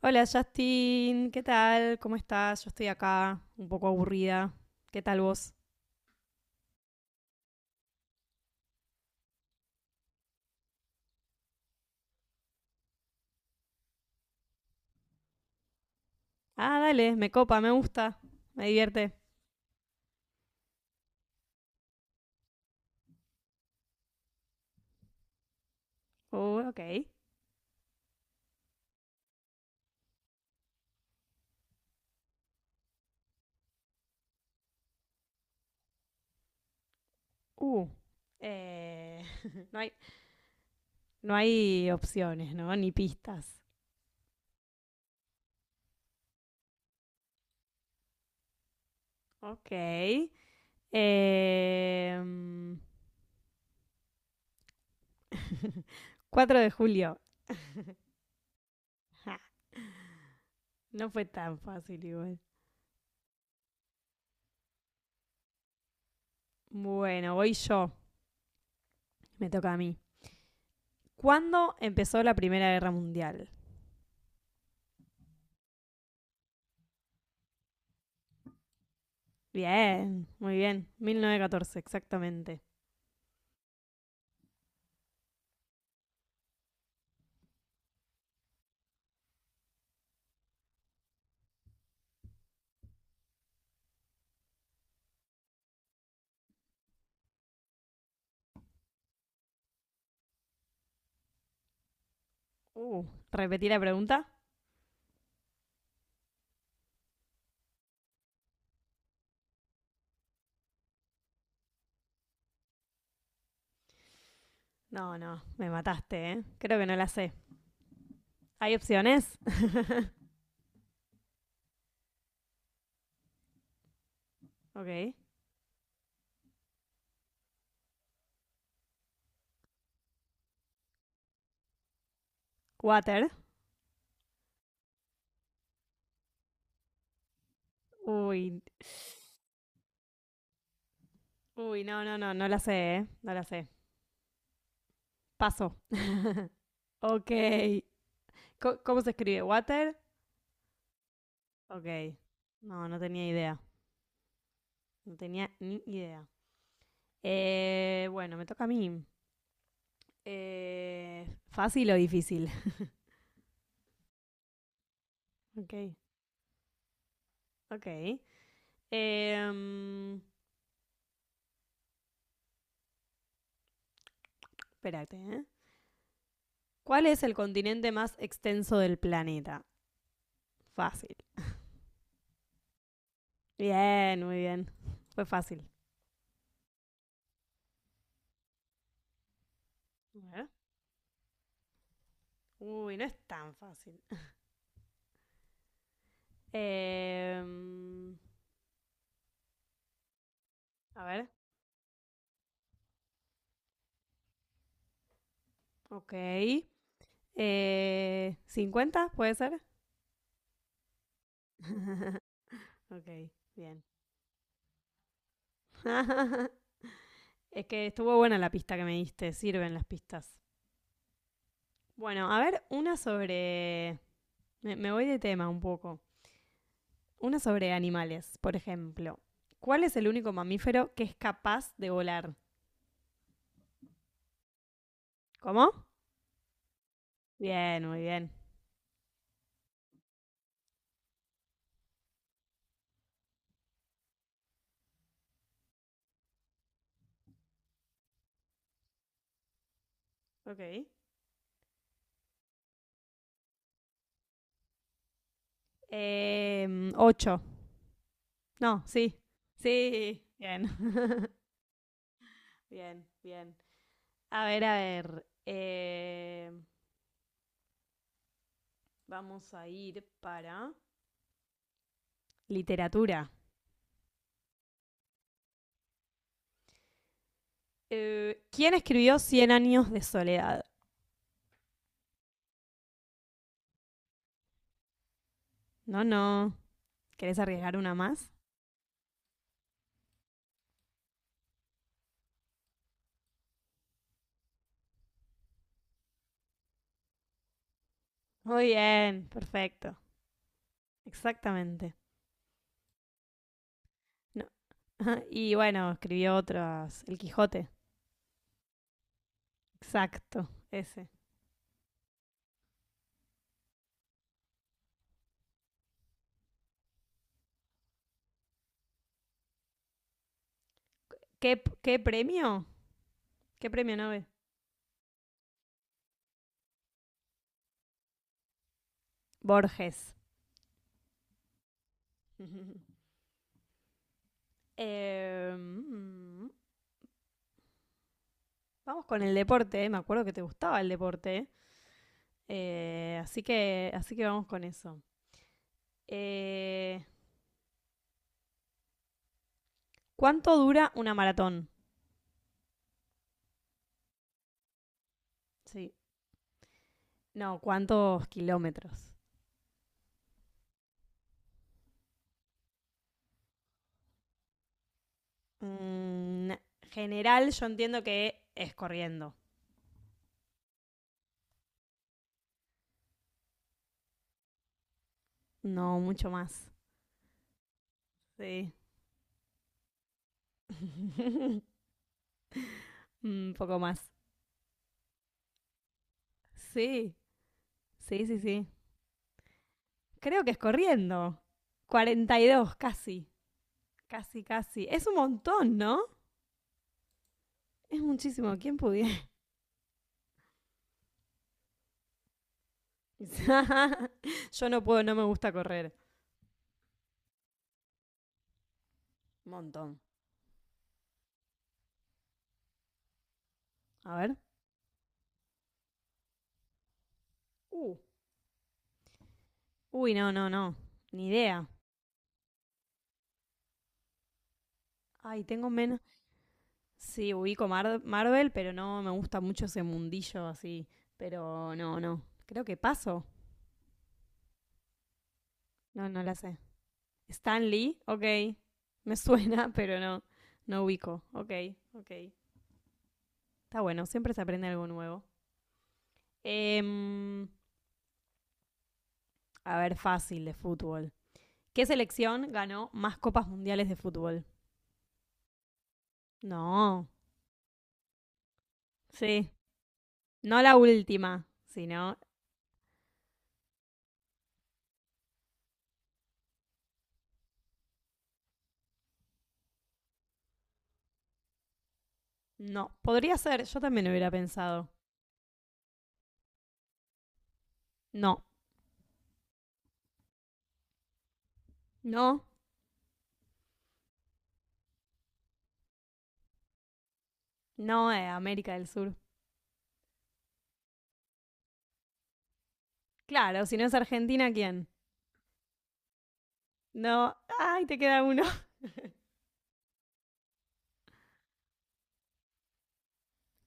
Hola Justin, ¿qué tal? ¿Cómo estás? Yo estoy acá, un poco aburrida. ¿Qué tal vos? Ah, dale, me copa, me gusta, me divierte. Ok. Uh. eh, no, no hay opciones, ¿no? Ni pistas. Ok. Em, 4 de julio. Ja, no fue tan fácil igual. Bueno, voy yo. Me toca a mí. ¿Cuándo empezó la Primera Guerra Mundial? Bien, muy bien. 1914, exactamente. Uh, ¿Repetí la pregunta? No, no, me mataste, ¿eh? Creo que no la sé. ¿Hay opciones? Ok. Water. Uy, uy, no, no, no, no la sé, ¿eh? No la sé. Paso. Ok. ¿Cómo se escribe? ¿Water? Ok. No, no tenía idea. No tenía ni idea. Bueno, me toca a mí. ¿Fácil o difícil? Ok, ok. Em, espérate, ¿eh? ¿Cuál es el continente más extenso del planeta? Fácil. Bien, muy bien. Fue fácil. Bueno. Uy, no es tan fácil. Eh, a ver, ok. ¿50 puede ser? Ok, bien. Es que estuvo buena la pista que me diste, sirven las pistas. Bueno, a ver, una sobre… Me voy de tema un poco. Una sobre animales, por ejemplo. ¿Cuál es el único mamífero que es capaz de volar? ¿Cómo? Bien, muy bien. Ok. Ocho. No, sí. Sí, bien. Bien, bien. A ver, a ver. Vamos a ir para literatura. ¿Quién escribió Cien años de soledad? No, no. ¿Querés arriesgar una más? Muy bien, perfecto. Exactamente. No. Y bueno, escribió otras. El Quijote. Exacto, ese. ¿Qué premio? ¿Qué premio Nobel? Borges. Eh, mm, vamos con el deporte. Me acuerdo que te gustaba el deporte. Así que vamos con eso. Eh, ¿Cuánto dura una maratón? Sí. No, ¿cuántos kilómetros? Mm, general, yo entiendo que es corriendo. No, mucho más. Sí. Un poco más. Sí, sí, sí, sí. Creo que es corriendo. 42 casi. Casi, casi. Es un montón, ¿no? Es muchísimo. ¿Quién pudiera? Yo no puedo, no me gusta correr. Un montón. A ver. Uh. Uy, no, no, no. Ni idea. Ay, tengo menos. Sí, ubico Marvel, pero no me gusta mucho ese mundillo así. Pero no, no. Creo que paso. No, no la sé. Stan Lee, ok. Me suena, pero no. No ubico. Ok, ok. Está bueno, siempre se aprende algo nuevo. Em, a ver, fácil de fútbol. ¿Qué selección ganó más copas mundiales de fútbol? No, sí. No la última, sino… No, podría ser, yo también hubiera pensado. No, no, no es América del Sur. Claro, si no es Argentina, ¿quién? No, ay, te queda uno.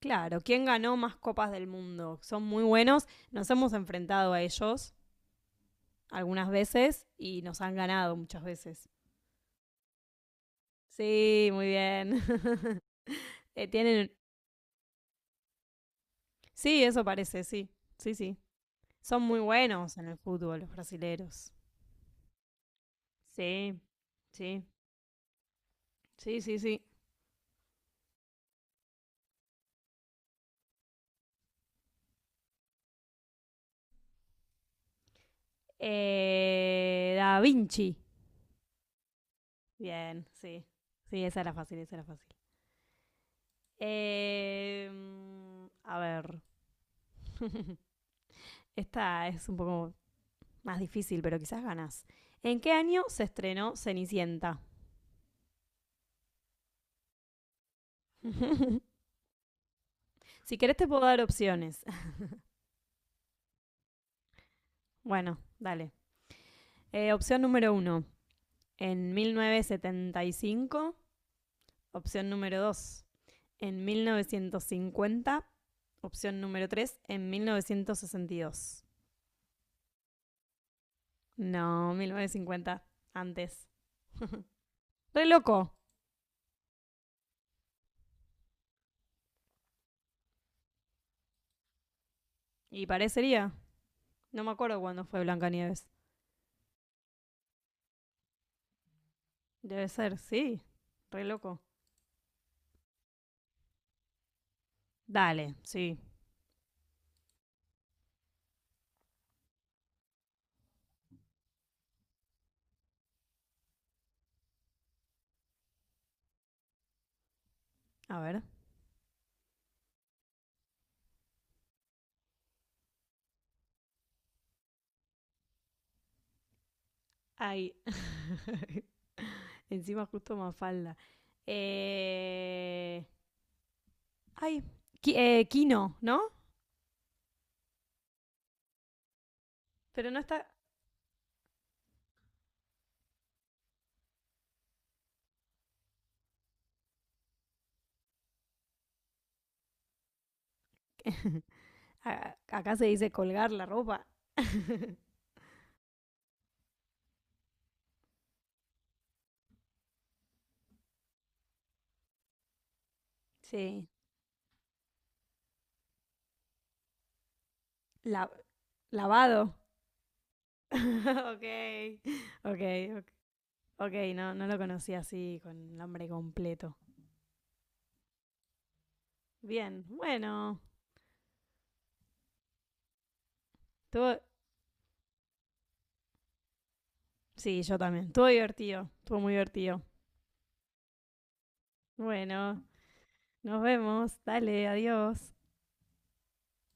Claro, ¿quién ganó más copas del mundo? Son muy buenos, nos hemos enfrentado a ellos algunas veces y nos han ganado muchas veces. Sí, muy bien. Tienen… Sí, eso parece, sí. Sí, sí. Son muy buenos en el fútbol los brasileros. Sí, sí, sí, sí, sí. Da Vinci. Bien, sí. Sí, esa era fácil, esa era fácil. Eh, a ver. Esta es un poco más difícil, pero quizás ganas. ¿En qué año se estrenó Cenicienta? Si querés te puedo dar opciones. Bueno, dale. Opción número uno, en 1975. Opción número 2 en 1950. Opción número 3 en 1962. No, 1950 antes. Re loco. Y parecería. No me acuerdo cuándo fue Blancanieves. Debe ser, sí. Re loco. Dale, sí. A ver. Ay. Encima justo Mafalda. Eh… Ay, Kino, ¿no? Pero no está… Acá se dice colgar la ropa. Sí. La- lavado. Ok, ok, ok, ok, no, no lo conocía así con nombre completo. Bien, bueno, estuvo- sí, yo también, estuvo divertido, estuvo muy divertido. Bueno, nos vemos, dale, adiós.